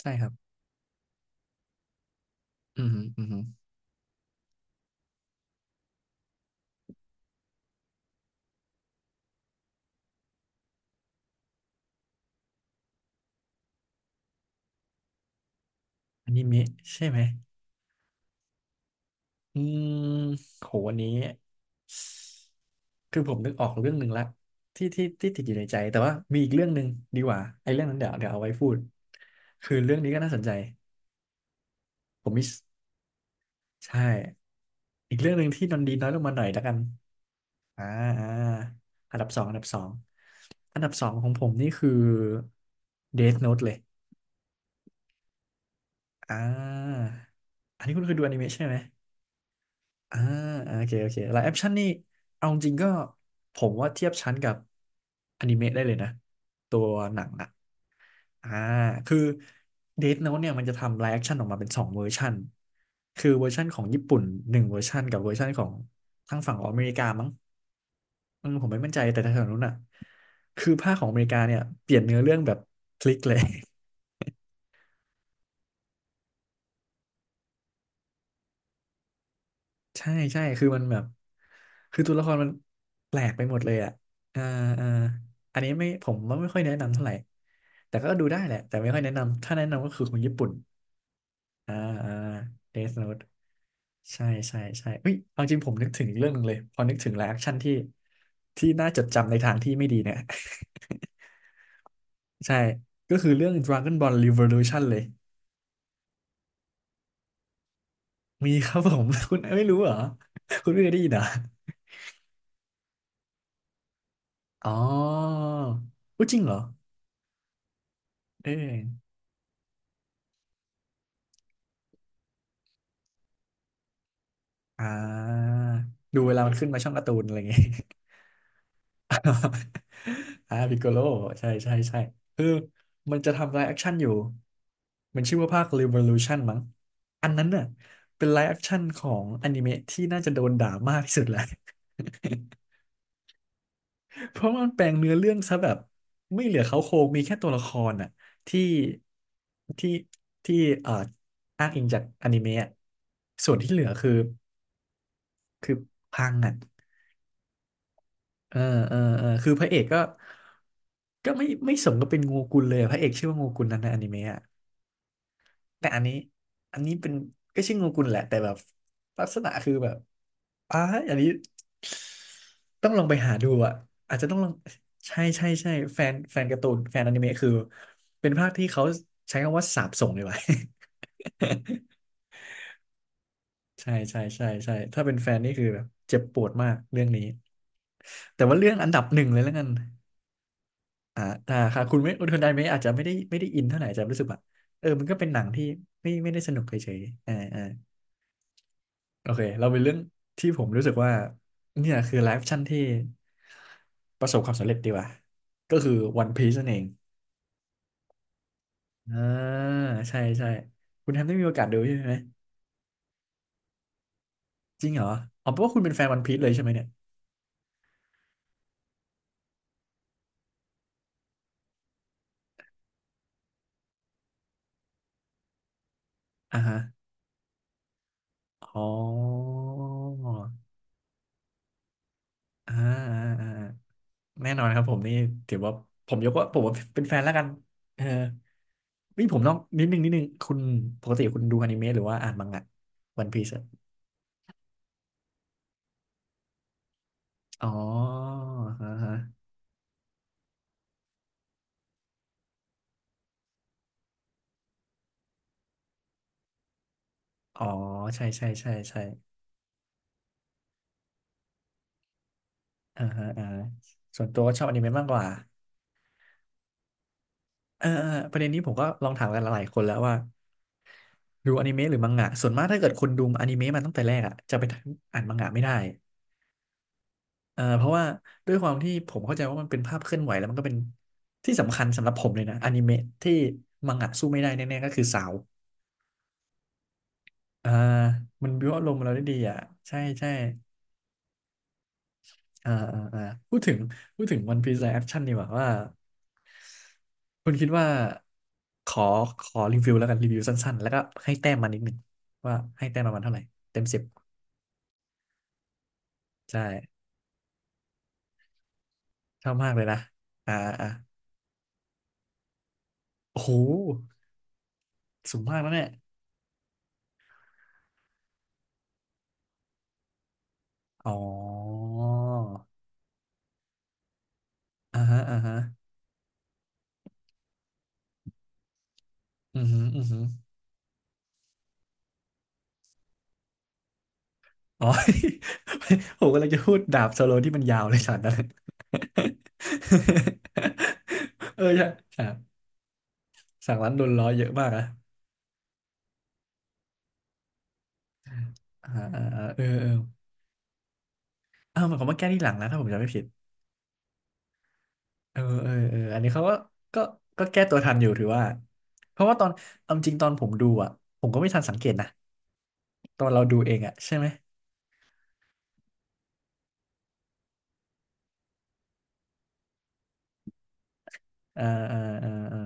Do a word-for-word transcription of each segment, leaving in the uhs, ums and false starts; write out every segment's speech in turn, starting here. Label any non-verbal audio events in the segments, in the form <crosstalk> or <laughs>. ใช่ครับอืมฮึอืมฮึอนิเมะใช่ไหมอืมโหวันนี้คือผมนึกออกเรื่องหนึ่งละที่ที่ที่ติดอยู่ในใจ แต่ว่ามีอีกเรื่องหนึ่งดีกว่า ไอ้เรื่องนั้นเดี๋ยว เดี๋ยวเอาไว้พูด คือเรื่องนี้ก็น่าสนใจ ผมมิสใช่อีกเรื่องหนึ่งที่นนดีน้อยลงมาหน่อยแล้วกันอ่าอ่าอันดับสอง อันดับสอง อันดับสองของผมนี่คือ Death Note เลยอ่าอันนี้คุณเคยดูอนิเมะใช่ไหม อ่าอ่าโอเคโอเคไลฟ์แอคชั่นนี่เอาจริงๆก็ผมว่าเทียบชั้นกับอนิเมะได้เลยนะตัวหนังอ่ะอ่าคือเดธโน้ตเนี่ยมันจะทำไลฟ์แอคชั่นออกมาเป็นสองเวอร์ชันคือเวอร์ชันของญี่ปุ่นหนึ่งเวอร์ชันกับเวอร์ชันของทางฝั่งของอเมริกามั้งอืมผมไม่มั่นใจแต่ทางฝั้งนู้นอ่ะคือภาคของอเมริกาเนี่ยเปลี่ยนเนื้อเรื่องแบบพลิกเลย ใช่ใช่คือมันแบบคือตัวละครมันแปลกไปหมดเลยอ่ะอ่าอ่าอันนี้ไม่ผมว่าไม่ค่อยแนะนำเท่าไหร่แต่ก็ดูได้แหละแต่ไม่ค่อยแนะนำถ้าแนะนำก็คือของญี่ปุ่นอ่าอ่า Death Note ใช่ใช่ใช่เฮ้ยเอาจริงผมนึกถึงอีกเรื่องหนึงเลยพอนึกถึงแล้วแอคชั่นที่ที่น่าจดจำในทางที่ไม่ดีเนี่ย <laughs> ใช่ก็คือเรื่อง Dragon Ball Revolution เลยมีครับผม <laughs> คุณไม่รู้เหรอคุณไม่เคยได้ยินเหรออ๋ออุ๊ยจริงเหรอเออ อ่าดูเวลามันขึ้นมาช่องการ์ตูนอะไรอย่างเงี้ย <laughs> อ่าพิกโกโลใช่ใช่ใช่คือมันจะทำไลฟ์แอคชั่นอยู่มันชื่อว่าภาค Revolution มั้งอันนั้นน่ะเป็นไลฟ์แอคชั่นของอนิเมะที่น่าจะโดนด่ามากที่สุดแหละ <laughs> เพราะมันแปลงเนื้อเรื่องซะแบบไม่เหลือเขาโครงมีแค่ตัวละครน่ะที่ที่ที่เอ่ออ้างอิงจากอนิเมะอะส่วนที่เหลือคือคือพังอ่ะ เออเออเออคือพระเอกก็ก็ไม่ไม่สมกับเป็นโงกุลเลยพระเอกชื่อว่าโงกุลนั้นในอนิเมะอะแต่อันนี้อันนี้เป็นก็ชื่อโงกุลแหละแต่แบบลักษณะคือแบบอ้าอันนี้ต้องลองไปหาดูอ่ะอาจจะต้องลองใช่ใช่ใช่แฟนแฟนการ์ตูนแฟนอนิเมะคือเป็นภาคที่เขาใช้คำว่าสาปส่งเลยว่ะ <laughs> ใช่ใช่ใช่ใช่ถ้าเป็นแฟนนี่คือแบบเจ็บปวดมากเรื่องนี้แต่ว่าเรื่องอันดับหนึ่งเลยแล้วกัน อ่าอ่าค่ะ คุณไม่คุณไดไม่อาจจะไม่ได้ไม่ได้อินเท่าไหร่อาจจะรู้สึกแบบเออมันก็เป็นหนังที่ไม่ไม่ได้สนุกเฉยๆอ่าอ่าโอเค เราเป็นเรื่องที่ผมรู้สึกว่าเนี่ยคือไลฟ์ชั่นที่ประสบความสำเร็จดีกว่า ก็คือวันพี e นั่นเอง อ่าใช่ใช่คุณแฮมได้มีโอกาสดูใช่ไหม จริงเหรออ๋อเพราะว่าคุณเป็นแฟนวันพี e เลยใช่ไหมเนี่ยอ่าฮะอ๋ออ่าอ่าอ่า แน่นอนครับผมนี่ถือว่าผมยกว่าผมว่าเป็นแฟนแล้วกันเออนี่ผมต้องนิดนึงนิดนึงคุณปกติคุณดูอนิเมะหรือว่าอ่านมังงะวันพีซอ๋อฮะฮะอ๋อใช่ใช่ใช่ใช่อ่าฮะอ่าฮะส่วนตัวก็ชอบอนิเมะมากกว่าเออเออประเด็นนี้ผมก็ลองถามกันหลายๆคนแล้วว่าดูอนิเมะหรือมังงะส่วนมากถ้าเกิดคุณดูอนิเมะมาตั้งแต่แรกอ่ะจะไปอ่านมังงะไม่ได้ อ่าเพราะว่าด้วยความที่ผมเข้าใจว่ามันเป็นภาพเคลื่อนไหวแล้วมันก็เป็นที่สำคัญสำหรับผมเลยนะอนิเมะที่มังงะสู้ไม่ได้แน่ๆก็คือซาวด์อ่ามันบิวอารมณ์เราได้ดีอ่ะใช่ใช่อ่าอ่าอ่าพูดถึงพูดถึงวันพีซไลฟ์แอคชั่นดีกว่าว่าคุณคิดว่าขอขอรีวิวแล้วกันรีวิวสั้นๆแล้วก็ให้แต้มมานิดหนึ่งว่าให้แต้มประมาณเท่าไหร่เต็มสิบใช่ชอบมากเลยนะอ่าอ่าโอ้โหสูงมากแล้วเนี่ยอ๋อ อ่าฮะอ่าฮะอือฮึออือหืออ๋อ <laughs> ผมกำลังจะพูดดาบโซโลที่มันยาวเลยฉากนั้น <laughs> เออใช่ฉากฉากนั้นโดนล้อเยอะมากนะอ่าอ่าอ่าเออเอออ้าวมันเขามาแก้ที่หลังนะถ้าผมจำไม่ผิดเออเออเอออันนี้เขาก็ก็ก็แก้ตัวทันอยู่ถือว่าเพราะว่าตอนเอาจริงตอนผมดูอ่ะผมก็ไม่ทันสังเกตนะตอนเราดูเองอ่ะใช่ไหมอ่าอ่าอ่าอ่า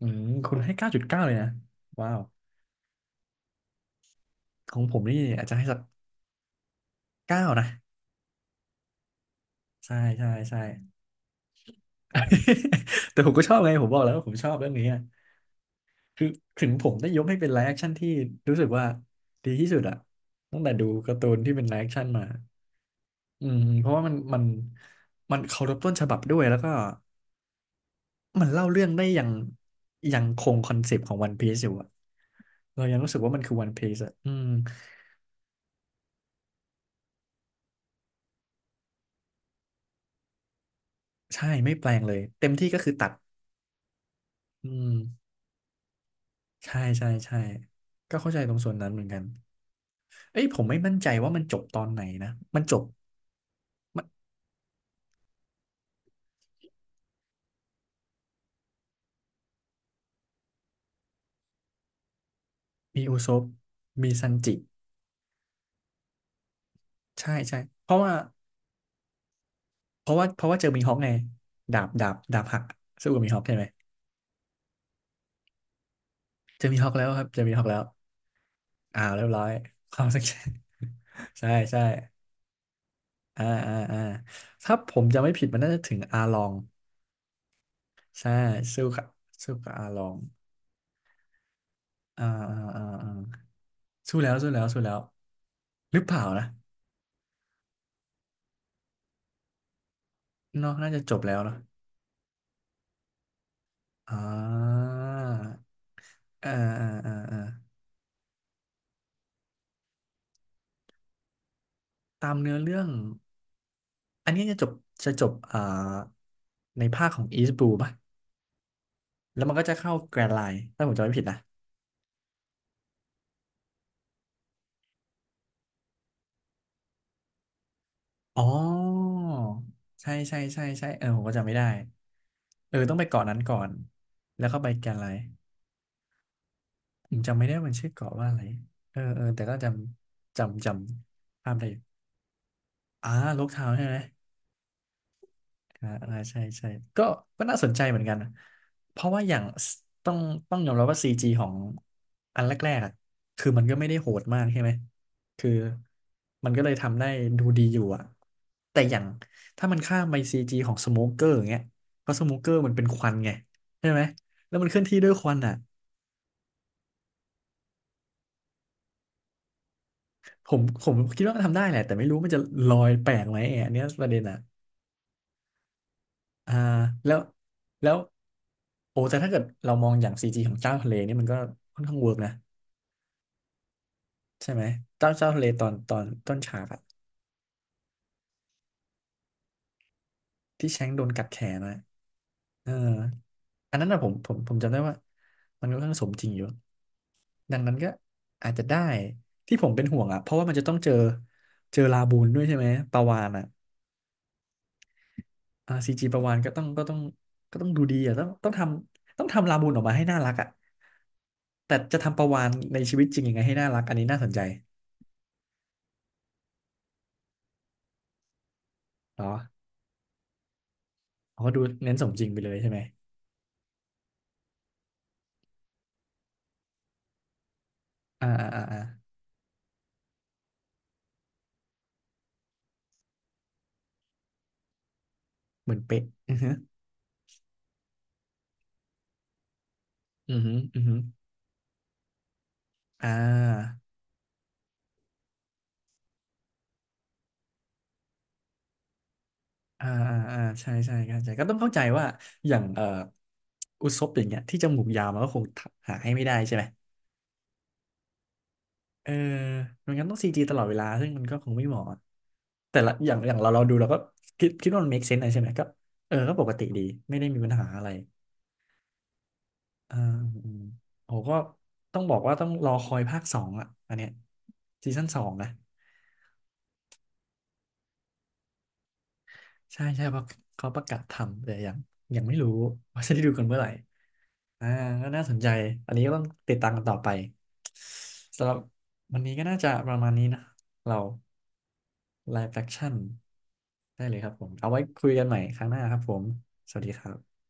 อืมคุณให้เก้าจุดเก้าเลยนะว้าวของผมนี่อาจจะให้สัก เก้านะใช่ใช่ใช่ <laughs> แต่ผมก็ชอบไงผมบอกแล้วว่าผมชอบเรื่องนี้อะคือถึงผมได้ยกให้เป็นไลฟ์แอคชั่นที่รู้สึกว่าดีที่สุดอะตั้งแต่ดูการ์ตูนที่เป็นไลฟ์แอคชั่นมาอืมเพราะว่ามันมันมันเคารพต้นฉบับด้วยแล้วก็มันเล่าเรื่องได้อย่างยังคงคอนเซปต์ของวันพีซอยู่อะเรายังรู้สึกว่ามันคือวันพีซอะอืมใช่ไม่แปลงเลยเต็มที่ก็คือตัดอืมใช่ใช่ใช่ก็เข้าใจตรงส่วนนั้นเหมือนกัน เอ้ยผมไม่มั่นใจว่ามันจบตอนไหนนะ มันจบ มีอุซปมีซันจิใช่ใช่เพราะว่า เพราะว่าเพราะว่าเจอมีฮอกไงดาบดาบดาบหักสู้กับมีฮอกใช่ไหมเจอมีฮอกแล้วครับเจอมีฮอกแล้วอ่าเรียบร้อยความสัก <laughs> ใช่ใช่อ่าอ่าอ่าถ้าผมจะไม่ผิดมันน่าจะถึงอาลองใช่สู้กับสู้กับอาลองอ่าอ่าอ่าอ่าสู้แล้วสู้แล้วสู้แล้วหรือเปล่านะเนอะน่าจะจบแล้วเนาะออ่าอ่าอ่าอ่า ตามเนื้อเรื่องอันนี้จะจบจะจบอ่าในภาคของ East Blue ป่ะ แล้วมันก็จะเข้าแกร n d ์ไลน์ถ้าผมจำไม่ผิดนะ อ๋อใช่ใช่ใช่ใช่เออผมก็จำไม่ได้เออต้องไปเกาะนั้นก่อนแล้วก็ไปแกรน์ไลน์ผมจำไม่ได้มันชื่อเกาะว่าอะไรเออเออแต่ก็จำจำจำภาพได้อยู่อ่าลกทาวน์ใช่ไหม อ่าอ่าใช่ใช่ก็ก็น่าสนใจเหมือนกันนะเพราะว่าอย่างสต้องต้องยอมรับว่าซีจีของอันแรกๆอะคือมันก็ไม่ได้โหดมากใช่ไหมคือมันก็เลยทำได้ดูดีอยู่อะแต่อย่างถ้ามันข้ามไปซีจีของสโมเกอร์อย่างเงี้ยเพราะสโมเกอร์มันเป็นควันไงใช่ไหมแล้วมันเคลื่อนที่ด้วยควันอ่ะผมผมคิดว่ามันทำได้แหละแต่ไม่รู้มันจะลอยแปลกไหมอันเนี้ยประเด็นอ่ะ อ่าแล้วแล้วโอ้แต่ถ้าเกิดเรามองอย่างซีจีของเจ้าทะเลนี่มันก็ค่อนข้างเวิร์กนะใช่ไหมเจ้าเจ้าทะเลตอนตอนต้นฉากอะที่แชงก์โดนกัดแขนนะเอออันนั้นนะผมผมผมจำได้ว่ามันค่อนข้างสมจริงอยู่ดังนั้นก็อาจจะได้ที่ผมเป็นห่วงอะเพราะว่ามันจะต้องเจอเจอลาบูนด้วยใช่ไหมปลาวาฬอะ อ่าซีจีประวานก็ต้องก็ต้องก็ต้องดูดีอ่ะต้องต้องทำต้องทำลาบูนออกมาให้น่ารักอ่ะแต่จะทำประวานในชีวิตจริงยังไงให้น่ารักอันนี้น่าสนใจเหรอเขาก็ดูเน้นสมจริงไปเลยใช่ไหมอ่าอ่าอ่าอ่าเหมือนเป๊ะอือฮึอือฮึอือฮึอ่าอ่าอ่าอ่าใช่ใช่เข้าใจก็ต้องเข้าใจว่าอย่างเอ่ออุซบอย่างเงี้ยที่จมูกยาวมันก็คงหาให้ไม่ได้ใช่ไหมเออไม่งั้นต้องซีจีตลอดเวลาซึ่งมันก็คงไม่เหมาะ แต่ละอย่างอย่างเราเราดูเราก็คิดคิดว่ามัน make sense อะไรใช่ไหมก็เออก็ปกติดีไม่ได้มีปัญหาอะไรอ่าอืมโอ้ก็ต้องบอกว่าต้องรอคอยภาคสองอ่ะอันเนี้ยซีซั่นสองนะใช่ใช่เพราะเขาประกาศทำแต่ยังยังไม่รู้ว่าจะได้ดูกันเมื่อไหร่อ่าก็น่าสนใจอันนี้ก็ต้องติดตามกันต่อไปสำหรับวันนี้ก็น่าจะประมาณนี้นะเราไลฟ์แ Action ได้เลยครับผมเอาไว้คุยกันใหม่ครั้งหน้าครับผมสวัสดีครับ